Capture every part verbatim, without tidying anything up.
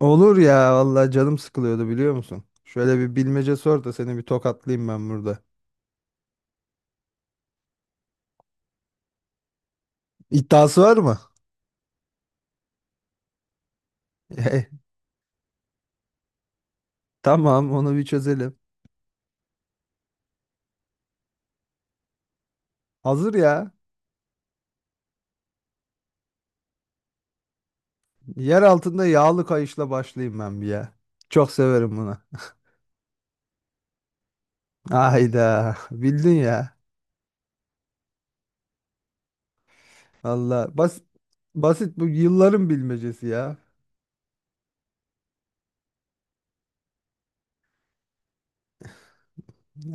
Olur ya vallahi canım sıkılıyordu biliyor musun? Şöyle bir bilmece sor da seni bir tokatlayayım ben burada. İddiası var mı? Tamam onu bir çözelim. Hazır ya. Yer altında yağlı kayışla başlayayım ben bir ya. Çok severim bunu. Hayda bildin ya. Vallahi bas basit bu yılların bilmecesi ya.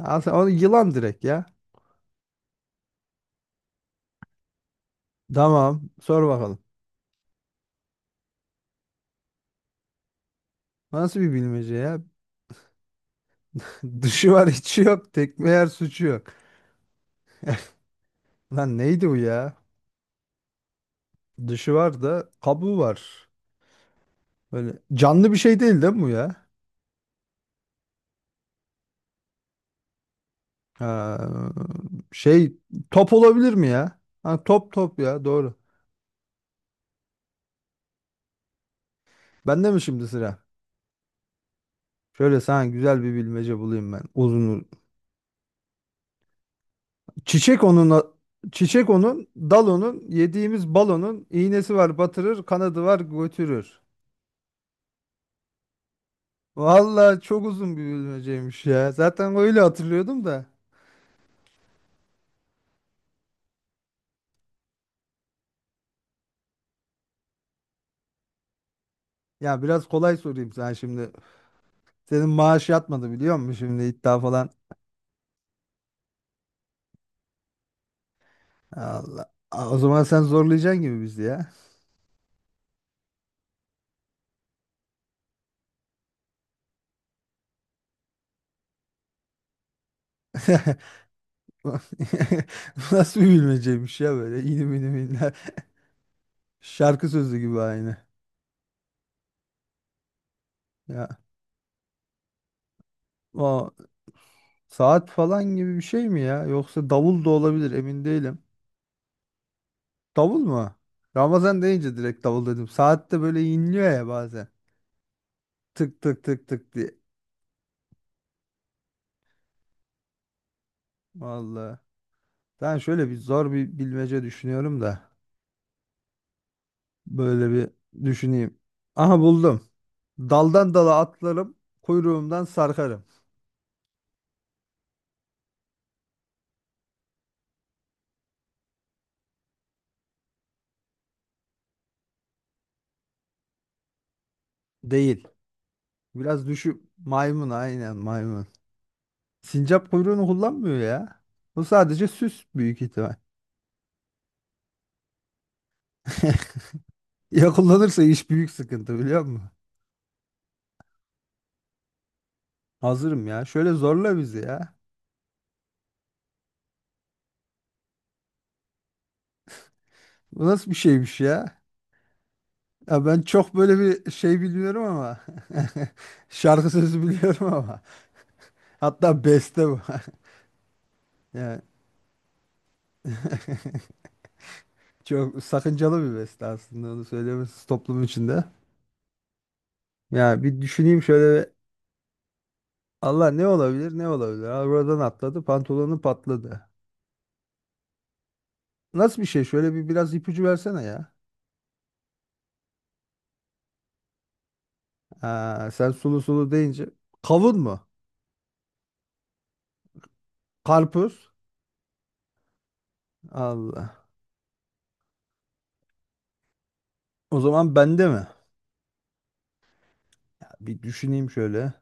Aslında onu yılan direkt ya. Tamam sor bakalım. Nasıl bir bilmece ya? Dışı var içi yok tekme yer suçu yok. Lan neydi bu ya? Dışı var da kabuğu var. Böyle canlı bir şey değil değil mi bu ya? Ha, şey top olabilir mi ya? Ha, top top ya doğru. Bende mi şimdi sıra? Şöyle sana güzel bir bilmece bulayım ben. Uzun. Çiçek onun Çiçek onun, dal onun, yediğimiz balonun iğnesi var batırır, kanadı var götürür. Vallahi çok uzun bir bilmeceymiş ya. Zaten öyle hatırlıyordum da. Ya biraz kolay sorayım sana şimdi. Senin maaş yatmadı biliyor musun şimdi iddia falan Allah. Aa, o zaman sen zorlayacaksın gibi bizi ya. Nasıl bir bilmeceymiş ya böyle inim inim inler. Şarkı sözü gibi aynı. Ya o saat falan gibi bir şey mi ya? Yoksa davul da olabilir emin değilim. Davul mu? Ramazan deyince direkt davul dedim. Saat de böyle inliyor ya bazen. Tık tık tık tık diye. Vallahi. Ben şöyle bir zor bir bilmece düşünüyorum da. Böyle bir düşüneyim. Aha buldum. Daldan dala atlarım, kuyruğumdan sarkarım. Değil. Biraz düşü maymun aynen maymun. Sincap kuyruğunu kullanmıyor ya. Bu sadece süs büyük ihtimal. Ya kullanırsa iş büyük sıkıntı biliyor musun? Hazırım ya. Şöyle zorla bizi ya. Bu nasıl bir şeymiş ya? Ya ben çok böyle bir şey bilmiyorum ama. Şarkı sözü biliyorum ama. Hatta beste bu. Yani çok sakıncalı bir beste aslında onu söylemesi toplum içinde. Ya bir düşüneyim şöyle Allah ne olabilir ne olabilir. Arabadan atladı pantolonu patladı. Nasıl bir şey? Şöyle bir biraz ipucu versene ya. Ha, sen sulu sulu deyince. Kavun mu? Karpuz? Allah. O zaman bende mi? Bir düşüneyim şöyle.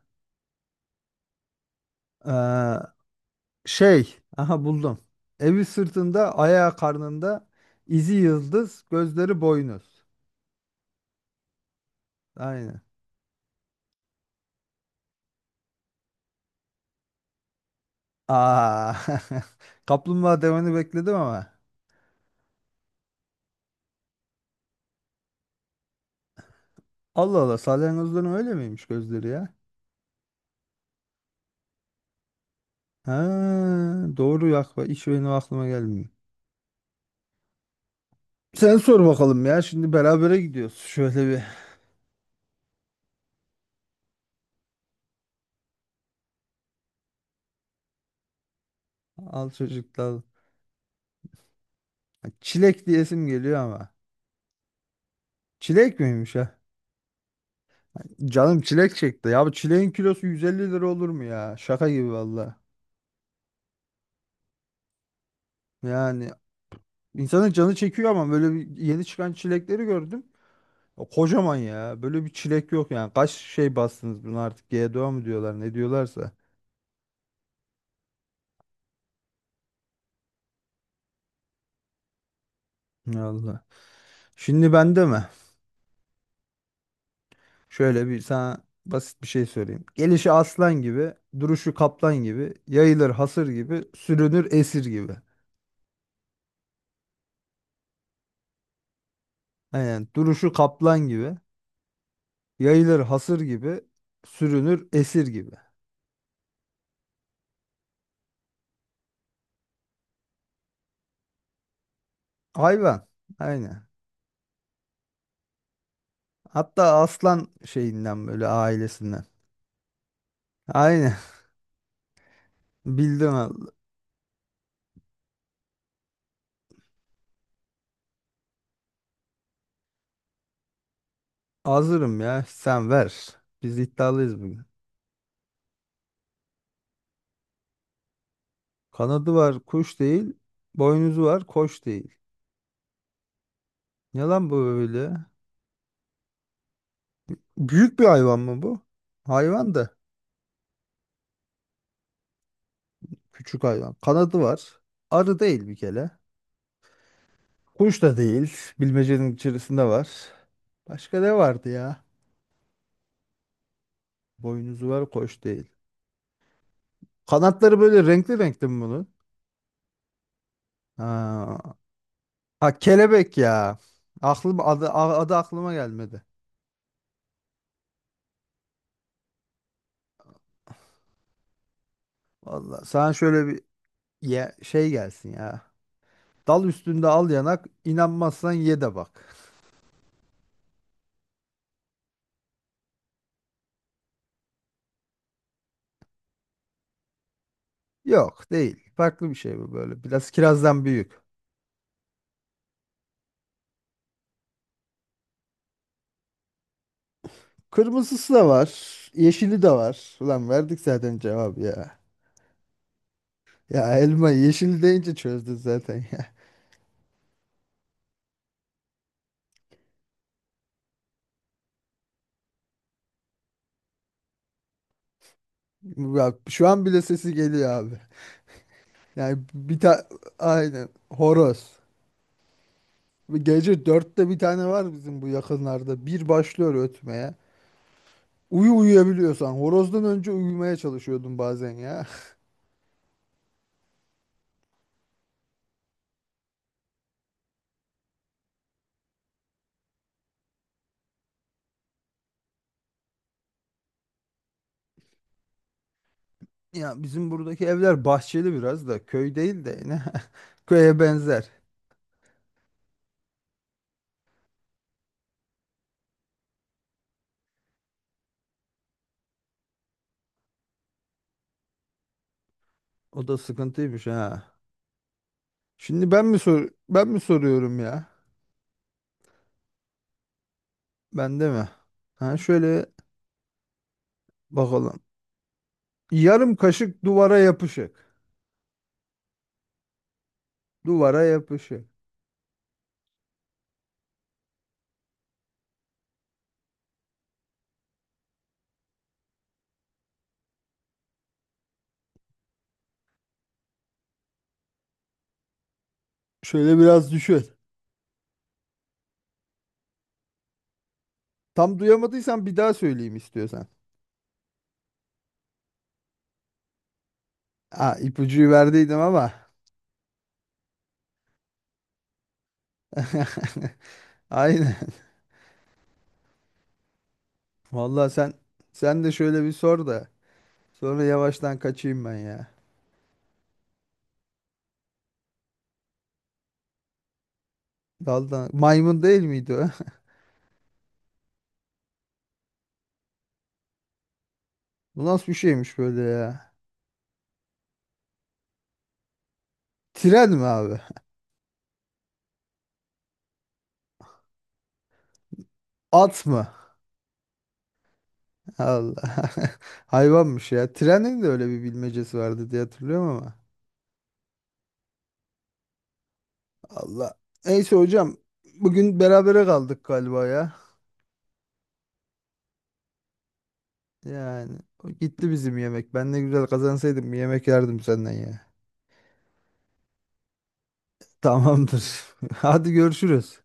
Ee, şey. Aha buldum. Evi sırtında, ayağı karnında, izi yıldız, gözleri boynuz. Aynen. Aa. Kaplumbağa demeni bekledim ama. Allah Allah salyangozların öyle miymiş gözleri ya? Ha, doğru yak iş benim aklıma gelmiyor. Sen sor bakalım ya şimdi berabere gidiyoruz. Şöyle bir al çocuklar. Çilek diyesim geliyor ama. Çilek miymiş ha? Canım çilek çekti. Ya bu çileğin kilosu yüz elli lira olur mu ya? Şaka gibi valla. Yani insanın canı çekiyor ama böyle bir yeni çıkan çilekleri gördüm. O kocaman ya. Böyle bir çilek yok yani. Kaç şey bastınız bunu artık? G GDO mu diyorlar ne diyorlarsa. Allah. Şimdi bende mi? Şöyle bir sana basit bir şey söyleyeyim. Gelişi aslan gibi, duruşu kaplan gibi, yayılır hasır gibi, sürünür esir gibi. Aynen duruşu kaplan gibi, yayılır hasır gibi, sürünür esir gibi. Hayvan. Aynen. Hatta aslan şeyinden böyle ailesinden. Aynen. Bildim al- Hazırım ya. Sen ver. Biz iddialıyız bugün. Kanadı var kuş değil. Boynuzu var koç değil. Ne lan bu böyle? Büyük bir hayvan mı bu? Hayvan da. Küçük hayvan. Kanadı var. Arı değil bir kere. Kuş da değil. Bilmecenin içerisinde var. Başka ne vardı ya? Boynuzu var, koş değil. Kanatları böyle renkli renkli mi bunun? Ha, ha kelebek ya. Aklım adı, a- adı aklıma gelmedi. Vallahi sana şöyle bir ye- şey gelsin ya. Dal üstünde al yanak, inanmazsan ye de bak. Yok değil. Farklı bir şey bu böyle. Biraz kirazdan büyük. Kırmızısı da var. Yeşili de var. Ulan verdik zaten cevabı ya. Ya elma yeşil deyince çözdü zaten ya. Bak şu an bile sesi geliyor abi. Yani bir ta aynen horoz. Gece dörtte bir tane var bizim bu yakınlarda. Bir başlıyor ötmeye. Uyu uyuyabiliyorsan. Horozdan önce uyumaya çalışıyordum bazen ya. Ya bizim buradaki evler bahçeli biraz da köy değil de yine köye benzer. O da sıkıntıymış ha. Şimdi ben mi sor ben mi soruyorum ya? Ben de mi? Ha şöyle bakalım. Yarım kaşık duvara yapışık. Duvara yapışık. Şöyle biraz düşün. Tam duyamadıysan bir daha söyleyeyim istiyorsan. Ha ipucuyu verdiydim ama. Aynen. Vallahi sen sen de şöyle bir sor da. Sonra yavaştan kaçayım ben ya. Daldan. Maymun değil miydi o? Bu nasıl bir şeymiş böyle ya? Tren mi abi? At mı? Allah. Hayvanmış ya. Trenin de öyle bir bilmecesi vardı diye hatırlıyorum ama. Allah. Neyse hocam. Bugün berabere kaldık galiba ya. Yani o gitti bizim yemek. Ben ne güzel kazansaydım bir yemek yerdim senden ya. Tamamdır. Hadi görüşürüz.